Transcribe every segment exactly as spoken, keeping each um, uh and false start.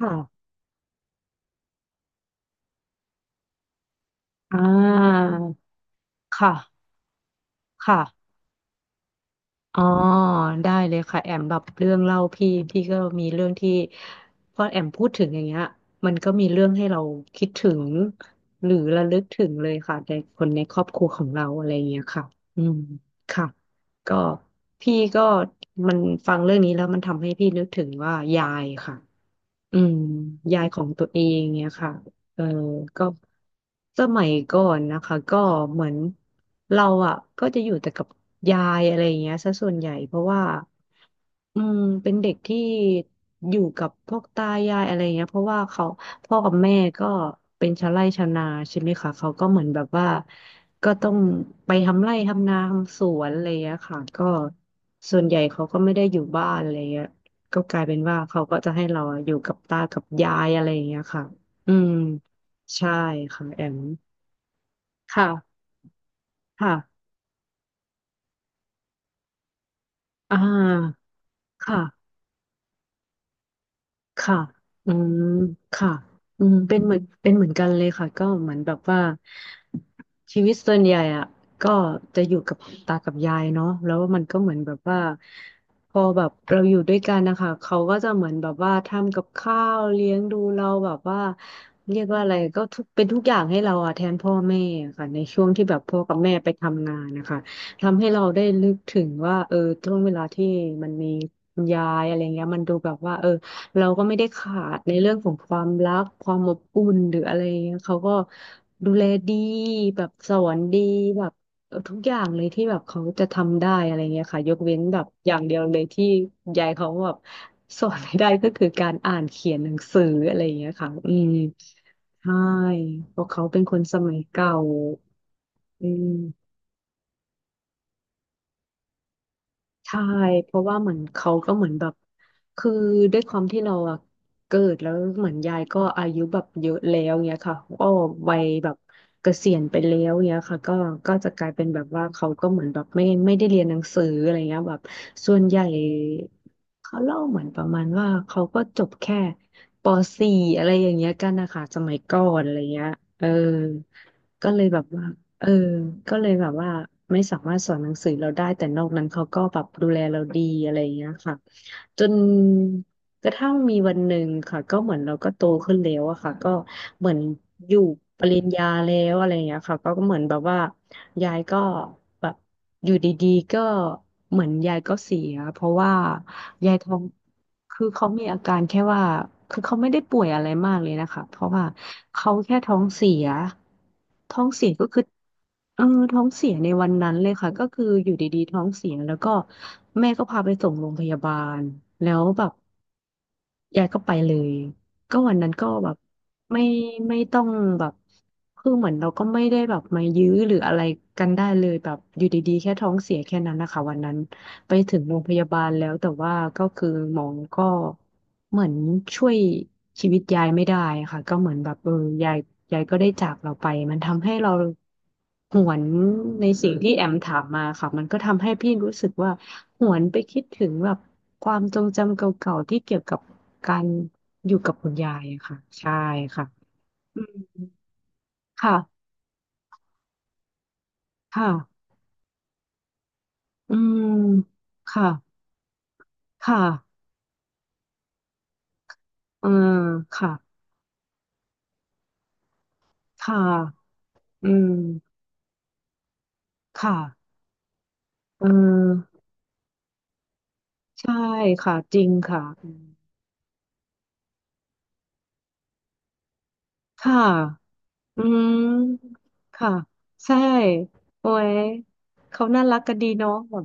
ค่ะอ่าค่ะค่ะอ๋อได้เลยค่ะแอมแบบเรื่องเล่าพี่พี่ก็มีเรื่องที่พอแอมพูดถึงอย่างเงี้ยมันก็มีเรื่องให้เราคิดถึงหรือระลึกถึงเลยค่ะในคนในครอบครัวของเราอะไรอย่างเงี้ยค่ะอืมค่ะก็พี่ก็มันฟังเรื่องนี้แล้วมันทำให้พี่นึกถึงว่ายายค่ะ อืมยายของตัวเองเนี่ยค่ะเออก็สมัยก่อนนะคะก็เหมือนเราอ่ะก็จะอยู่แต่กับยายอะไรอย่างเงี้ยซะส่วนใหญ่เพราะว่า อืมเป็นเด็กที่อยู่กับพวกตายายอะไรเงี้ยเพราะว่าเขาพ่อกับแม่ก็เป็นชาวไร่ชาวนาใช่ไหมคะเขาก็เหมือนแบบว่าก็ต้องไปทำไร่ทำนาทำสวนอะไรเงี้ยค่ะก็ส่วนใหญ่เขาก็ไม่ได้อยู่บ้านอะไรเงี้ยก็กลายเป็นว่าเขาก็จะให้เราอยู่กับตากับยายอะไรเงี้ยค่ะอืมใช่ค่ะแอมค่ะค่ะอ่าค่ะ ค่ะอืมค่ะอืมเป็นเหมือนเป็นเหมือนกันเลยค่ะก็เหมือนแบบว่าชีวิตส่วนใหญ่อะก็จะอยู่กับตากับยายเนาะแล้วมันก็เหมือนแบบว่าพอแบบเราอยู่ด้วยกันนะคะเขาก็จะเหมือนแบบว่าทำกับข้าวเลี้ยงดูเราแบบว่าเรียกว่าอะไรก็ทุกเป็นทุกอย่างให้เราอะแทนพ่อแม่อะค่ะในช่วงที่แบบพ่อกับแม่ไปทำงานนะคะทำให้เราได้นึกถึงว่าเออช่วงเวลาที่มันมีคุณยายอะไรเงี้ยมันดูแบบว่าเออ เราก็ไม่ได้ขาดในเรื่องของความรักความอบอุ่นหรืออะไรเงี้ยเขาก็ดูแลดีแบบสอนดีแบบเออทุกอย่างเลยที่แบบเขาจะทำได้อะไรเงี้ยค่ะยกเว้นแบบอย่างเดียวเลยที่ยายเขาแบบสอนไม่ได้ก็คือการอ่านเขียนหนังสืออะไรเงี้ยค่ะอืมใช่เพราะเขาเป็นคนสมัยเก่าอืม ใช่เพราะว่าเหมือนเขาก็เหมือนแบบคือด้วยความที่เราอะเกิดแล้วเหมือนยายก็อายุแบบเยอะแล้วเงี้ยค่ะก็วัยแบบเกษียณไปแล้วเงี้ยค่ะก็ก็จะกลายเป็นแบบว่าเขาก็เหมือนแบบไม่ไม่ได้เรียนหนังสืออะไรเงี้ยแบบส่วนใหญ่เขาเล่าเหมือนประมาณว่าเขาก็จบแค่ป .สี่ อะไรอย่างเงี้ยกันนะคะสมัยก่อนอะไรเงี้ยเออก็เลยแบบว่า เออก็เลยแบบว่าไม่สามารถสอนหนังสือเราได้แต่นอกนั้นเขาก็แบบดูแลเราดีอะไรอย่างเงี้ยค่ะจน กระทั่งมีวันหนึ่งค่ะก็เหมือนเราก็โตขึ้นแล้วอะค่ะก็เหมือนอยู่ปริญญาแล้วอะไรอย่างเงี้ยค่ะก็ก็เหมือนแบบว่ายายก็แบบอยู่ดีๆก็เหมือนยายก็เสียเพราะว่ายายท้องคือเขามีอาการแค่ว่าคือเขาไม่ได้ป่วยอะไรมากเลยนะคะเพราะว่าเขาแค่ท้องเสียท้องเสียก็คือเออท้องเสียในวันนั้นเลยค่ะก็คืออยู่ดีๆท้องเสียแล้วก็แม่ก็พาไปส่งโรงพยาบาลแล้วแบบ ยายก็ไปเลยก็วันนั้นก็แบบไม่ไม่ต้องแบบคือเหมือนเราก็ไม่ได้แบบมายื้อหรืออะไรกันได้เลยแบบอยู่ดีๆแค่ท้องเสียแค่นั้นนะคะวันนั้นไปถึงโรงพยาบาลแล้วแต่ว่าก็คือหมอก็เหมือนช่วยชีวิตยายไม่ได้ค่ะก็เหมือนแบบเออยายยายก็ได้จากเราไปมันทำให้เราหวนในสิ่งที่แอมถามมาค่ะมันก็ทำให้พี่รู้สึกว่า หวนไปคิดถึงแบบความทรงจำเก่าๆที่เกี่ยวกับการอยู่กับคุณยายอะค่ะใช่ค่ะอืมค่ะค่ะอืมค่ะค่ะเออค่ะค่ะอืมค่ะเออใช่ค่ะจริงค่ะอืมค่ะอืมค่ะใช่โอ้ยเขาน่ารักกันดีเนาะแบบ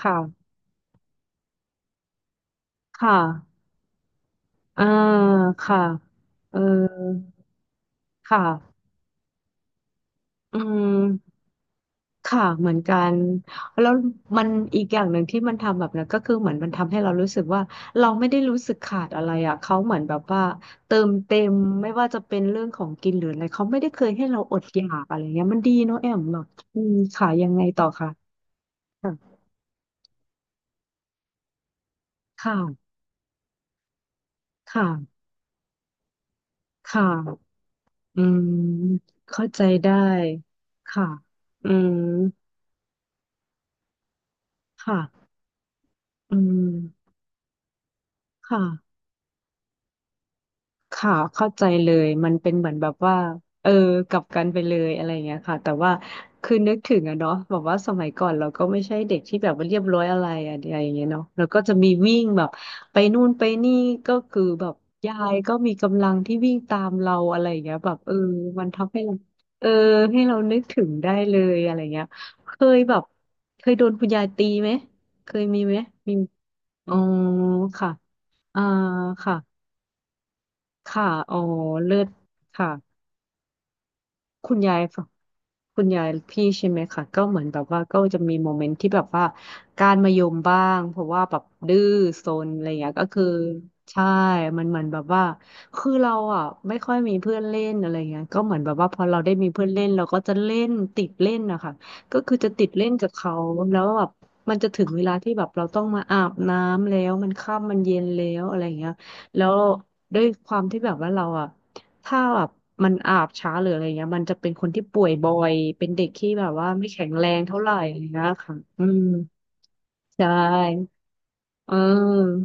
ค่ะค่ะอ่าค่ะเออค่ะ อืมค่ะเหมือนกันแล้วมันอีกอย่างหนึ่งที่มันทำแบบนั้นก็คือเหมือนมันทำให้เรารู้สึกว่าเราไม่ได้รู้สึกขาดอะไรอ่ะเขาเหมือนแบบว่าเติมเต็มไม่ว่าจะเป็นเรื่องของกินหรืออะไรเขาไม่ได้เคยให้เราอดอยากอะไรเงี้ยมันดีเนาะแอมแบบอืมค่ะยังไงต่อค่ะค่ะค่ะค่ะค่ะอืมเข้าใจได้ค่ะอืมค่ะอืมค่ะ ค่ะเข้าใจเลยมันเป็นเหมือนแบบว่าเออกลับกันไปเลยอะไรอย่างเงี้ยค่ะแต่ว่าคือนึกถึงอะเนาะแบบว่าสมัยก่อนเราก็ไม่ใช่เด็กที่แบบว่าเรียบร้อยอะไรอะอะไรอย่างเงี้ยเนาะแล้วก็จะมีวิ่งแบบไปนู่นไปนี่ก็คือแบบยายก็มีกำลังที่วิ่งตามเราอะไรอย่างเงี้ยแบบเออมันทำให้เราเออให้เรานึกถึงได้เลยอะไรเงี้ยเคยแบบเคยโดนคุณยายตีไหมเคยมีไหมมีอ๋อค่ะอ่าค่ะ ค่ะอ๋อเลิศค่ะคุณยายฝั่งคุณยายพี่ใช่ไหมคะก็เหมือนแบบว่าก็จะมีโมเมนต์ที่แบบว่าการมายมบ้างเพราะว่าแบบดื้อซนอะไรอย่างเงี้ยก็คือใช่มันเหมือนแบบว่าคือเราอ่ะไม่ค่อยมีเพื่อนเล่นอะไรเงี้ยก็เหมือนแบบว่าพอเราได้มีเพื่อนเล่นเราก็จะเล่นติดเล่นนะคะก็คือจะติดเล่นกับเขาแล้วแบบมันจะถึงเวลาที่แบบเราต้องมาอาบน้ำแล้วมันค่ำมันเย็นแล้วอะไรอย่างเงี้ยแล้วด้วยความที่แบบว่าเราอ่ะ ถ้าแบบมันอาบช้าหรืออะไรเงี้ยมันจะเป็นคนที่ป่วยบ่อยเป็นเด็กที่แบบว่าไม่แข็งแรงเท่าไหร่อะไรเงี้ยค่ะอืมใช่เออ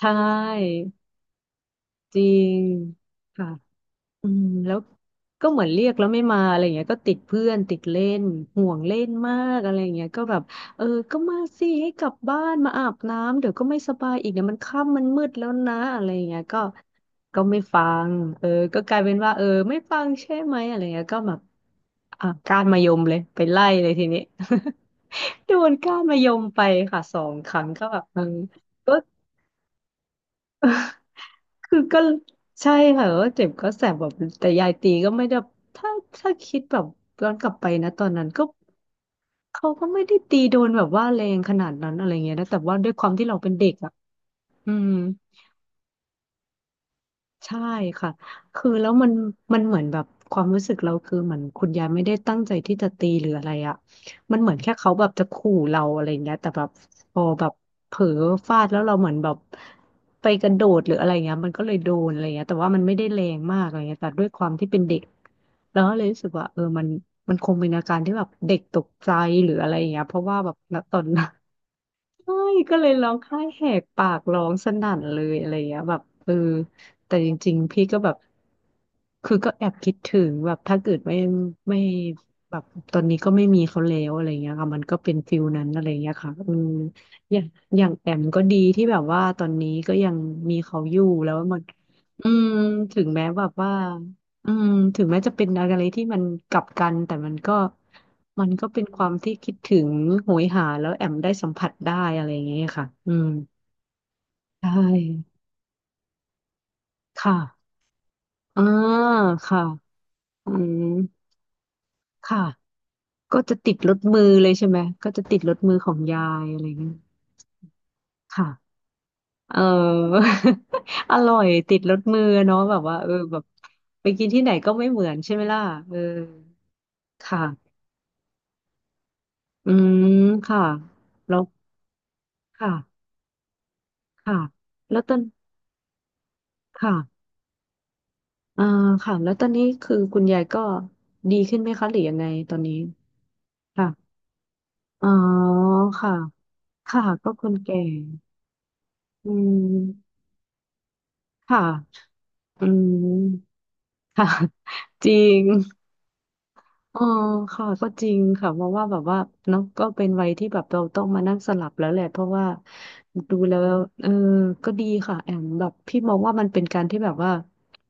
ใช่จริงค่ะ อืมแล้วก็เหมือนเรียกแล้วไม่มาอะไรเงี้ยก็ติดเพื่อนติดเล่นห่วงเล่นมากอะไรเงี้ยก็แบบเออก็มาสิให้กลับบ้านมาอาบน้ำเดี๋ยวก็ไม่สบายอีกเดี๋ยวมันค่ำมันมืดแล้วนะอะไรเงี้ยก็ก็ไม่ฟังเออก็กลายเป็นว่าเออไม่ฟังใช่ไหมอะไรเงี้ยก็แบบอ่ะก้านมะยมเลยไปไล่เลยทีนี้ โดนก้านมะยมไปค่ะสองครั้งก็แบบเออก็ คือก็ใช่ค่ะว่าเจ็บก็แสบแบบแต่ยายตีก็ไม่ได้ถ้าถ้าคิดแบบย้อนกลับไปนะตอนนั้นก็เขาก็ไม่ได้ตีโดนแบบว่าแรงขนาดนั้นอะไรเงี้ยนะแต่ว่าด้วยความที่เราเป็นเด็กอ่ะอืม ใช่ค่ะคือแล้วมันมันเหมือนแบบความรู้สึกเราคือเหมือนคุณยายไม่ได้ตั้งใจที่จะตีหรืออะไรอ่ะมันเหมือนแค่เขาแบบจะขู่เราอะไรอย่างเงี้ยแต่แบบพอแบบเผลอฟาดแล้วเราเหมือนแบบไปกระโดดหรืออะไรเงี้ยมันก็เลยโดนอะไรเงี้ยแต่ว่ามันไม่ได้แรงมากอะไรเงี้ยแต่ด้วยความที่เป็นเด็กแล้วก็เลยรู้สึกว่าเออมันมันคงเป็นอาการที่แบบเด็กตกใจหรืออะไรอย่างเงี้ยเพราะว่าแบบณตอนนั้น ใช่ก็เลยร้องไห้แหกปากร้องสนั่นเลยอะไรอย่างเงี้ยแบบเออแต่จริงๆพี่ก็แบบคือก็แอบคิดถึงแบบถ้าเกิดไม่ไม่แบบตอนนี้ก็ไม่มีเขาแล้วอะไรเงี้ยค่ะมันก็เป็นฟิลนั้นอะไรเงี้ยค่ะอืมอย่างอย่างแอมก็ดีที่แบบว่าตอนนี้ก็ยังมีเขาอยู่แล้วมันอืมถึงแม้แบบว่า อืมถึงแม้จะเป็นอะไรที่มันกลับกันแต่มันก็มันก็เป็นความที่คิดถึงโหยหาแล้วแอมได้สัมผัสได้อะไรอย่างเงี้ยค่ะอืมใช่ค่ะอ่าค่ะอืมค่ะก็จะติดรถมือเลยใช่ไหมก็จะติดรถมือของยายอะไรอย่างเงี้ยค่ะเออ อร่อยติดรสมือเนาะแบบว่าเออแบบไปกินที่ไหนก็ไม่เหมือนใช่ไหมล่ะเออค่ะอืมค่ะแล้วค่ะ ค่ะแล้วตอนค่ะอ่าค่ะแล้วตอนนี้คือคุณยายก็ดีขึ้นไหมคะหรือยังไงตอนนี้ค่ะอ๋อค่ะค่ะก็คนแก่อืมค่ะอืมค่ะ จริง อ๋อค่ะ ก็จริงค่ะเพราะว่าแบบว่าเนาะก็เป็นวัยที่แบบเราต้องมานั่งสลับแล้วแหละ เพราะว่าดูแล้วเออ ก็ดีค่ะแอมแบบพี่มองว่ามันเป็นการที่แบบว่า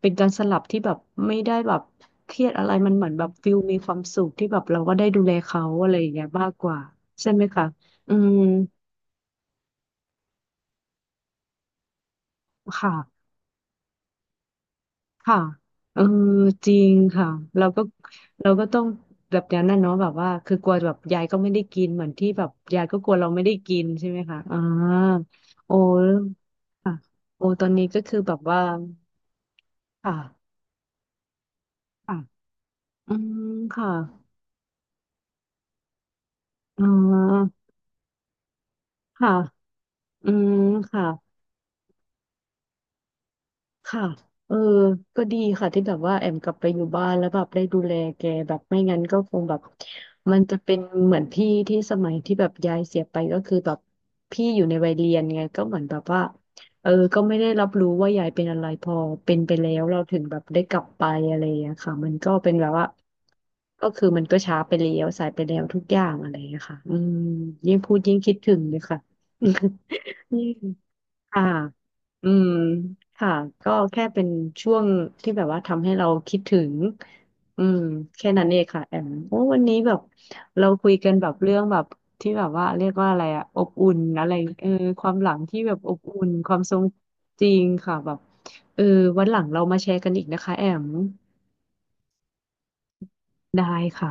เป็นการสลับที่แบบไม่ได้แบบเครียดอะไรมันเหมือนแบบฟิลมีความสุขที่แบบเราก็ได้ดูแลเขาอะไรอย่างเงี้ยมากกว่าใช่ไหมคะอืมค่ะ ค่ะเออจริงค่ะเราก็เราก็ต้องแบบนั้นน่ะเนาะแบบว่าคือกลัวแบบยายก็ไม่ได้กินเหมือนที่แบบยายก็กลัวเราไม่ได้กินใช่ไหมคะอ่าโอ้ค่ะโอ้ตอนนี้ก็คือแบบว่าค่ะค่ะอืมค่ะอ่าค่ะอืมค่ะ ค่ะเออก็ดีค่ะที่แบบว่าแอมกลับไปอยู่บ้านแล้วแบบได้ดูแลแกแบบไม่งั้นก็คงแบบมันจะเป็นเหมือนพี่ที่สมัยที่แบบยายเสียไปก็คือแบบพี่อยู่ในวัยเรียนไงก็เหมือนแบบว่าเออก็ไม่ได้รับรู้ว่ายายเป็นอะไรพอเป็นไปแล้วเราถึงแบบได้กลับไปอะไรอย่างเงี้ยค่ะมันก็เป็นแบบว่าก็คือมันก็ช้าไปแล้วสายไปแล้วทุกอย่างอะไรอย่างเงี้ยค่ะอืมยิ่งพูดยิ่งคิดถึงเลยค่ะ นี่ ค่ะอืมค่ะก็แค่เป็นช่วงที่แบบว่าทำให้เราคิดถึงอืมแค่นั้นเองค่ะแอมโอ้วันนี้แบบเราคุยกันแบบเรื่องแบบที่แบบว่าเรียกว่าอะไรอะอบอุ่นอะไรเออความหลังที่แบบอบอุ่นความทรงจริงค่ะแบบเออวันหลังเรามาแชร์กันอีกนะคะแอมได้ค่ะ